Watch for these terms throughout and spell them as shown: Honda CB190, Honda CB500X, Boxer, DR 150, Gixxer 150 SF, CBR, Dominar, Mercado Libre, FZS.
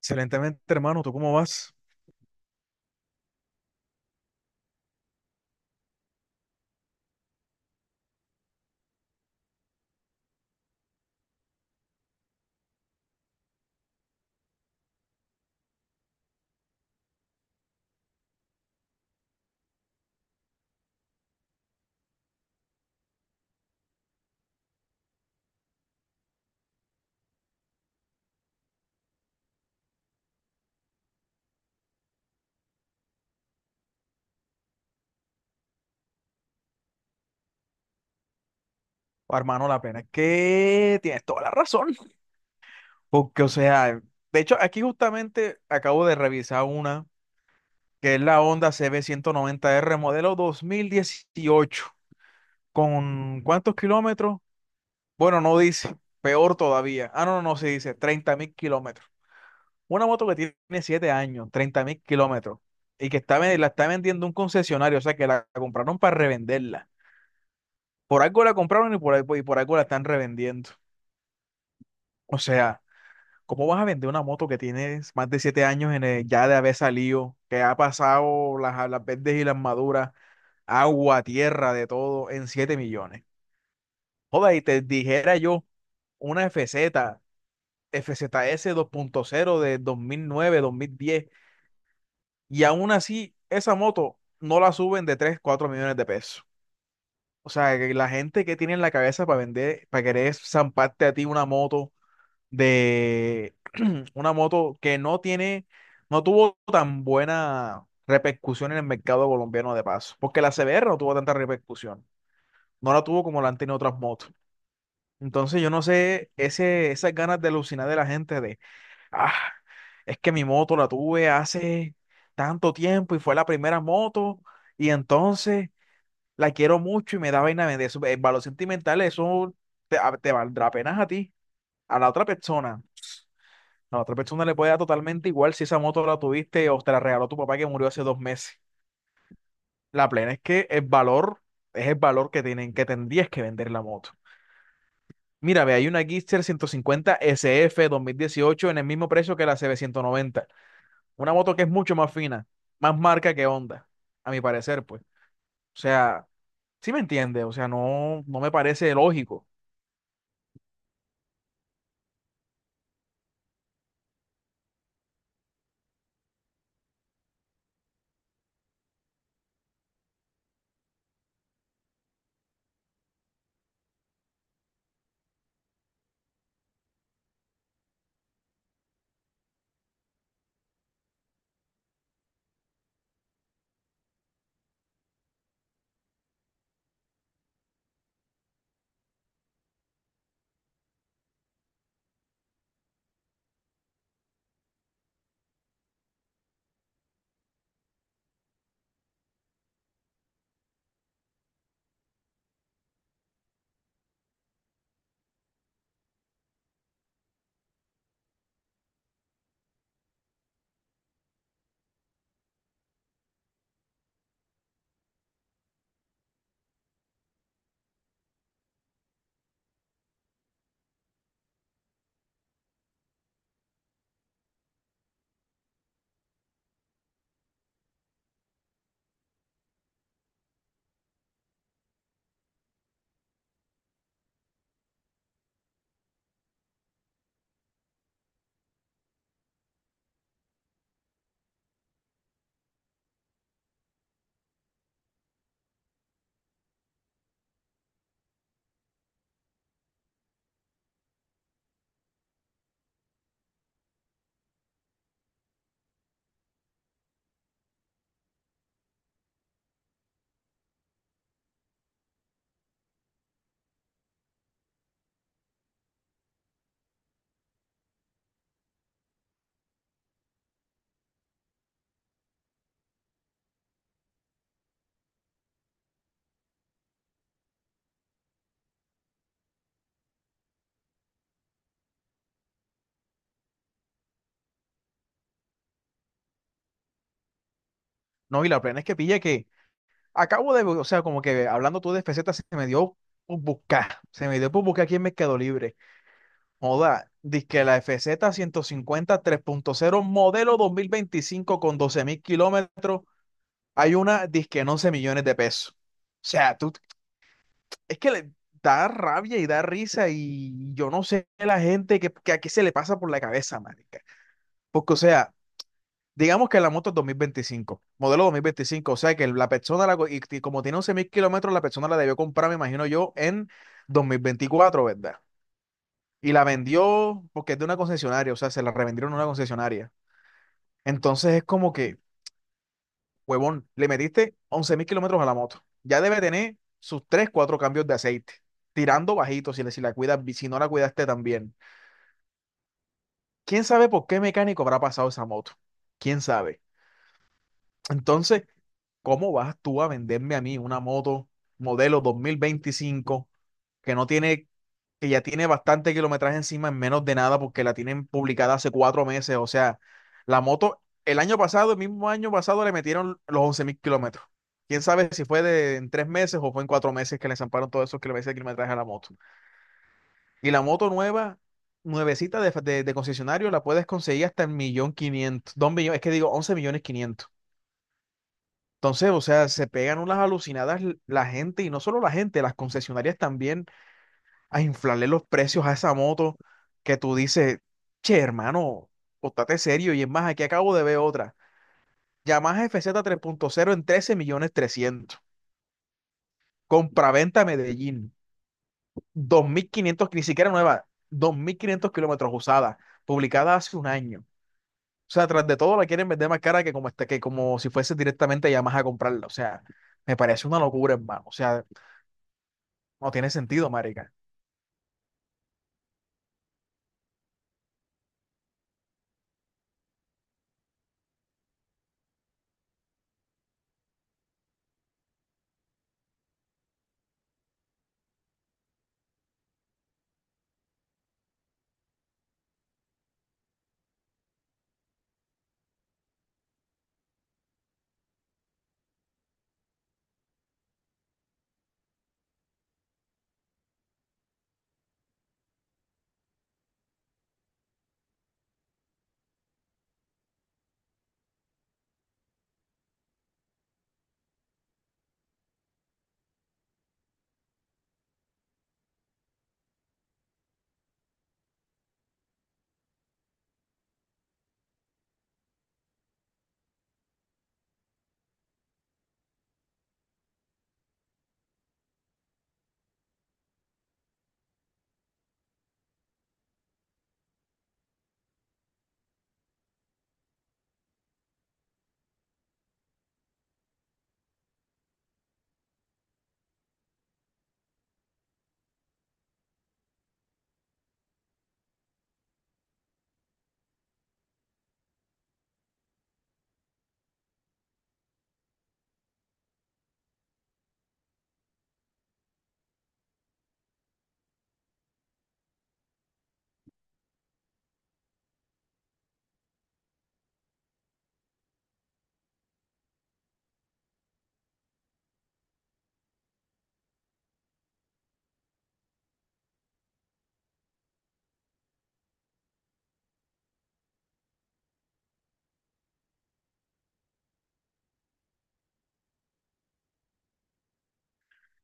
Excelentemente, hermano. ¿Tú cómo vas? Oh, hermano, la pena es que tienes toda la razón. Porque, o sea, de hecho, aquí justamente acabo de revisar una que es la Honda CB noventa R modelo 2018. ¿Con cuántos kilómetros? Bueno, no dice. Peor todavía. Ah, no, no, no se dice. 30.000 kilómetros. Una moto que tiene 7 años, 30.000 kilómetros. Y que la está vendiendo un concesionario. O sea, que la compraron para revenderla. Por algo la compraron y por algo la están revendiendo. O sea, ¿cómo vas a vender una moto que tienes más de 7 años ya de haber salido, que ha pasado las verdes y las maduras, agua, tierra, de todo, en 7 millones? Joda, y te dijera yo una FZ, FZS 2.0 de 2009, 2010, y aún así esa moto no la suben de 3, 4 millones de pesos. O sea, que la gente que tiene en la cabeza para vender, para querer zamparte a ti una moto de una moto que no tiene, no tuvo tan buena repercusión en el mercado colombiano de paso, porque la CBR no tuvo tanta repercusión, no la tuvo como la han tenido otras motos. Entonces yo no sé, esas ganas de alucinar de la gente de, ah, es que mi moto la tuve hace tanto tiempo y fue la primera moto, y entonces la quiero mucho y me da vaina vender. Eso, el valor sentimental, eso te valdrá apenas a ti, a la otra persona. A la otra persona le puede dar totalmente igual si esa moto la tuviste o te la regaló tu papá que murió hace 2 meses. La plena es que el valor es el valor que tienen, que tendrías que vender la moto. Mira, ve, hay una Gixxer 150 SF 2018 en el mismo precio que la CB190. Una moto que es mucho más fina, más marca que Honda, a mi parecer, pues. O sea, sí me entiende, o sea, no me parece lógico. No, y la plena es que pilla que acabo de, o sea, como que hablando tú de FZ se me dio por buscar aquí en Mercado Libre. Joda, que la FZ punto cero modelo 2025 con 12.000 kilómetros, hay una disque en 11 millones de pesos. O sea, tú, es que le da rabia y da risa y yo no sé la gente que a qué se le pasa por la cabeza, marica. Porque, o sea, digamos que la moto es 2025, modelo 2025, o sea que la persona, y como tiene 11.000 kilómetros, la persona la debió comprar, me imagino yo, en 2024, ¿verdad? Y la vendió porque es de una concesionaria, o sea, se la revendieron a una concesionaria. Entonces es como que, huevón, le metiste 11.000 kilómetros a la moto. Ya debe tener sus 3 4 cambios de aceite, tirando bajito si la cuidas, si no la cuidaste también. ¿Quién sabe por qué mecánico habrá pasado esa moto? ¿Quién sabe? Entonces, ¿cómo vas tú a venderme a mí una moto modelo 2025 que no tiene, que ya tiene bastante kilometraje encima en menos de nada porque la tienen publicada hace 4 meses? O sea, la moto, el año pasado, el mismo año pasado, le metieron los 11.000 kilómetros. Quién sabe si fue en 3 meses o fue en 4 meses que le zamparon todos esos kilómetros de kilometraje a la moto. Y la moto nueva, nuevecita de concesionario, la puedes conseguir hasta el millón quinientos, dos millones, es que digo, once millones quinientos. Entonces, o sea, se pegan unas alucinadas la gente, y no solo la gente, las concesionarias también, a inflarle los precios a esa moto que tú dices, che, hermano, póntate serio. Y es más, aquí acabo de ver otra. Yamaha FZ cero en 13 millones 300. Compraventa Medellín. 2500, ni siquiera nueva, 2500 kilómetros usada, publicada hace un año. O sea, tras de todo la quieren vender más cara que como si fuese directamente Yamaha a comprarla. O sea, me parece una locura, hermano. O sea, no tiene sentido, marica.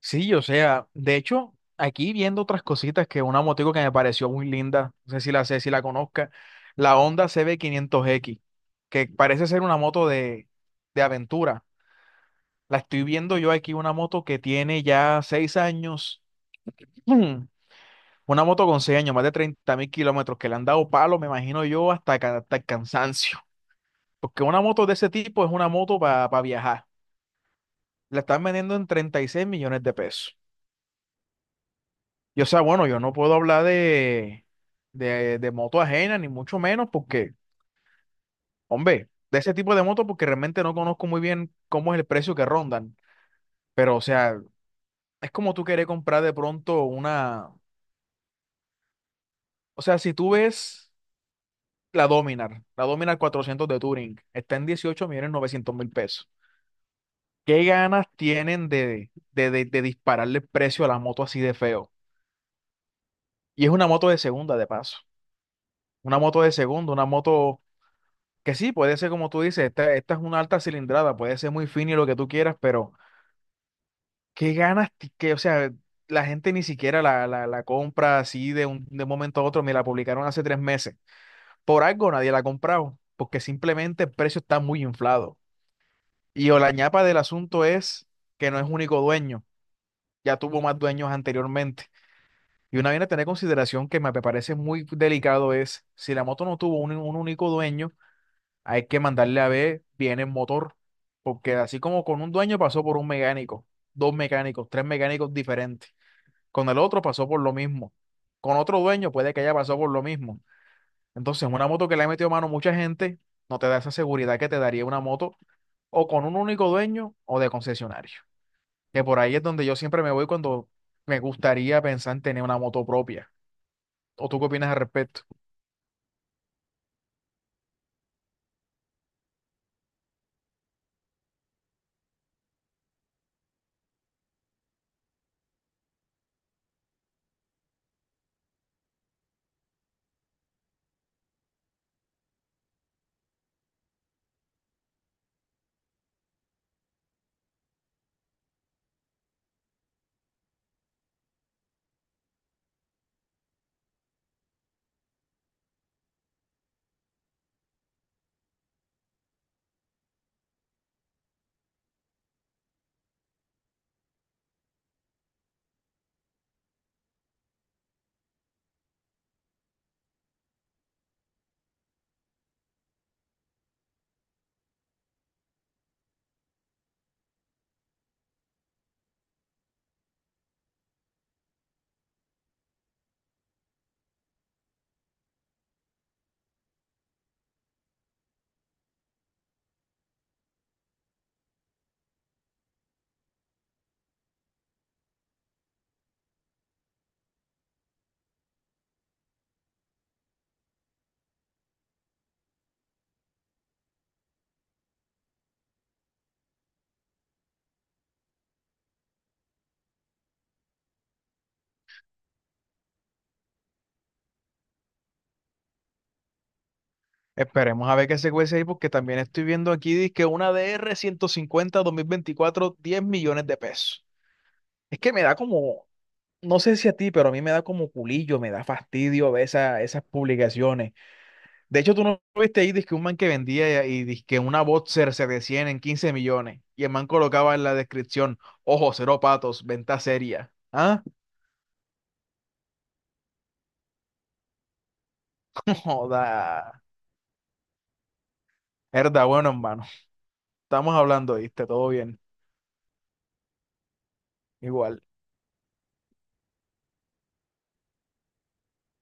Sí, o sea, de hecho, aquí viendo otras cositas, que una motico que me pareció muy linda, no sé si la sé, si la conozca, la Honda CB500X, que parece ser una moto de aventura. La estoy viendo yo aquí, una moto que tiene ya 6 años, mm, una moto con 6 años, más de 30.000 kilómetros, que le han dado palo, me imagino yo, hasta el cansancio. Porque una moto de ese tipo es una moto para viajar. La están vendiendo en 36 millones de pesos. Y o sea, bueno, yo no puedo hablar de moto ajena, ni mucho menos, porque, hombre, de ese tipo de moto, porque realmente no conozco muy bien cómo es el precio que rondan. Pero, o sea, es como tú querés comprar de pronto una. O sea, si tú ves la Dominar 400 de Touring, está en 18 millones 900 mil pesos. ¿Qué ganas tienen de dispararle el precio a la moto así de feo? Y es una moto de segunda, de paso. Una moto de segunda, una moto. Que sí, puede ser como tú dices, esta es una alta cilindrada, puede ser muy fina y lo que tú quieras, pero qué ganas, o sea, la gente ni siquiera la compra así de un momento a otro, me la publicaron hace 3 meses. Por algo nadie la ha comprado, porque simplemente el precio está muy inflado. Y o la ñapa del asunto es que no es único dueño, ya tuvo más dueños anteriormente. Y una bien a tener en consideración que me parece muy delicado es, si la moto no tuvo un único dueño, hay que mandarle a ver bien el motor, porque así como con un dueño pasó por un mecánico, dos mecánicos, tres mecánicos diferentes. Con el otro pasó por lo mismo. Con otro dueño puede que haya pasado por lo mismo. Entonces, una moto que le ha metido mano mucha gente no te da esa seguridad que te daría una moto o con un único dueño o de concesionario. Que por ahí es donde yo siempre me voy cuando me gustaría pensar en tener una moto propia. ¿O tú qué opinas al respecto? Esperemos a ver qué se cuece ahí, porque también estoy viendo aquí dizque una DR 150 2024, 10 millones de pesos. Es que me da como, no sé si a ti, pero a mí me da como culillo, me da fastidio ver esas publicaciones. De hecho, ¿tú no viste ahí dizque un man que vendía y dizque una Boxer se decían en 15 millones? Y el man colocaba en la descripción: ojo, cero patos, venta seria. ¿Ah? Joda. Herda, bueno, hermano. Estamos hablando, ¿viste? Todo bien. Igual.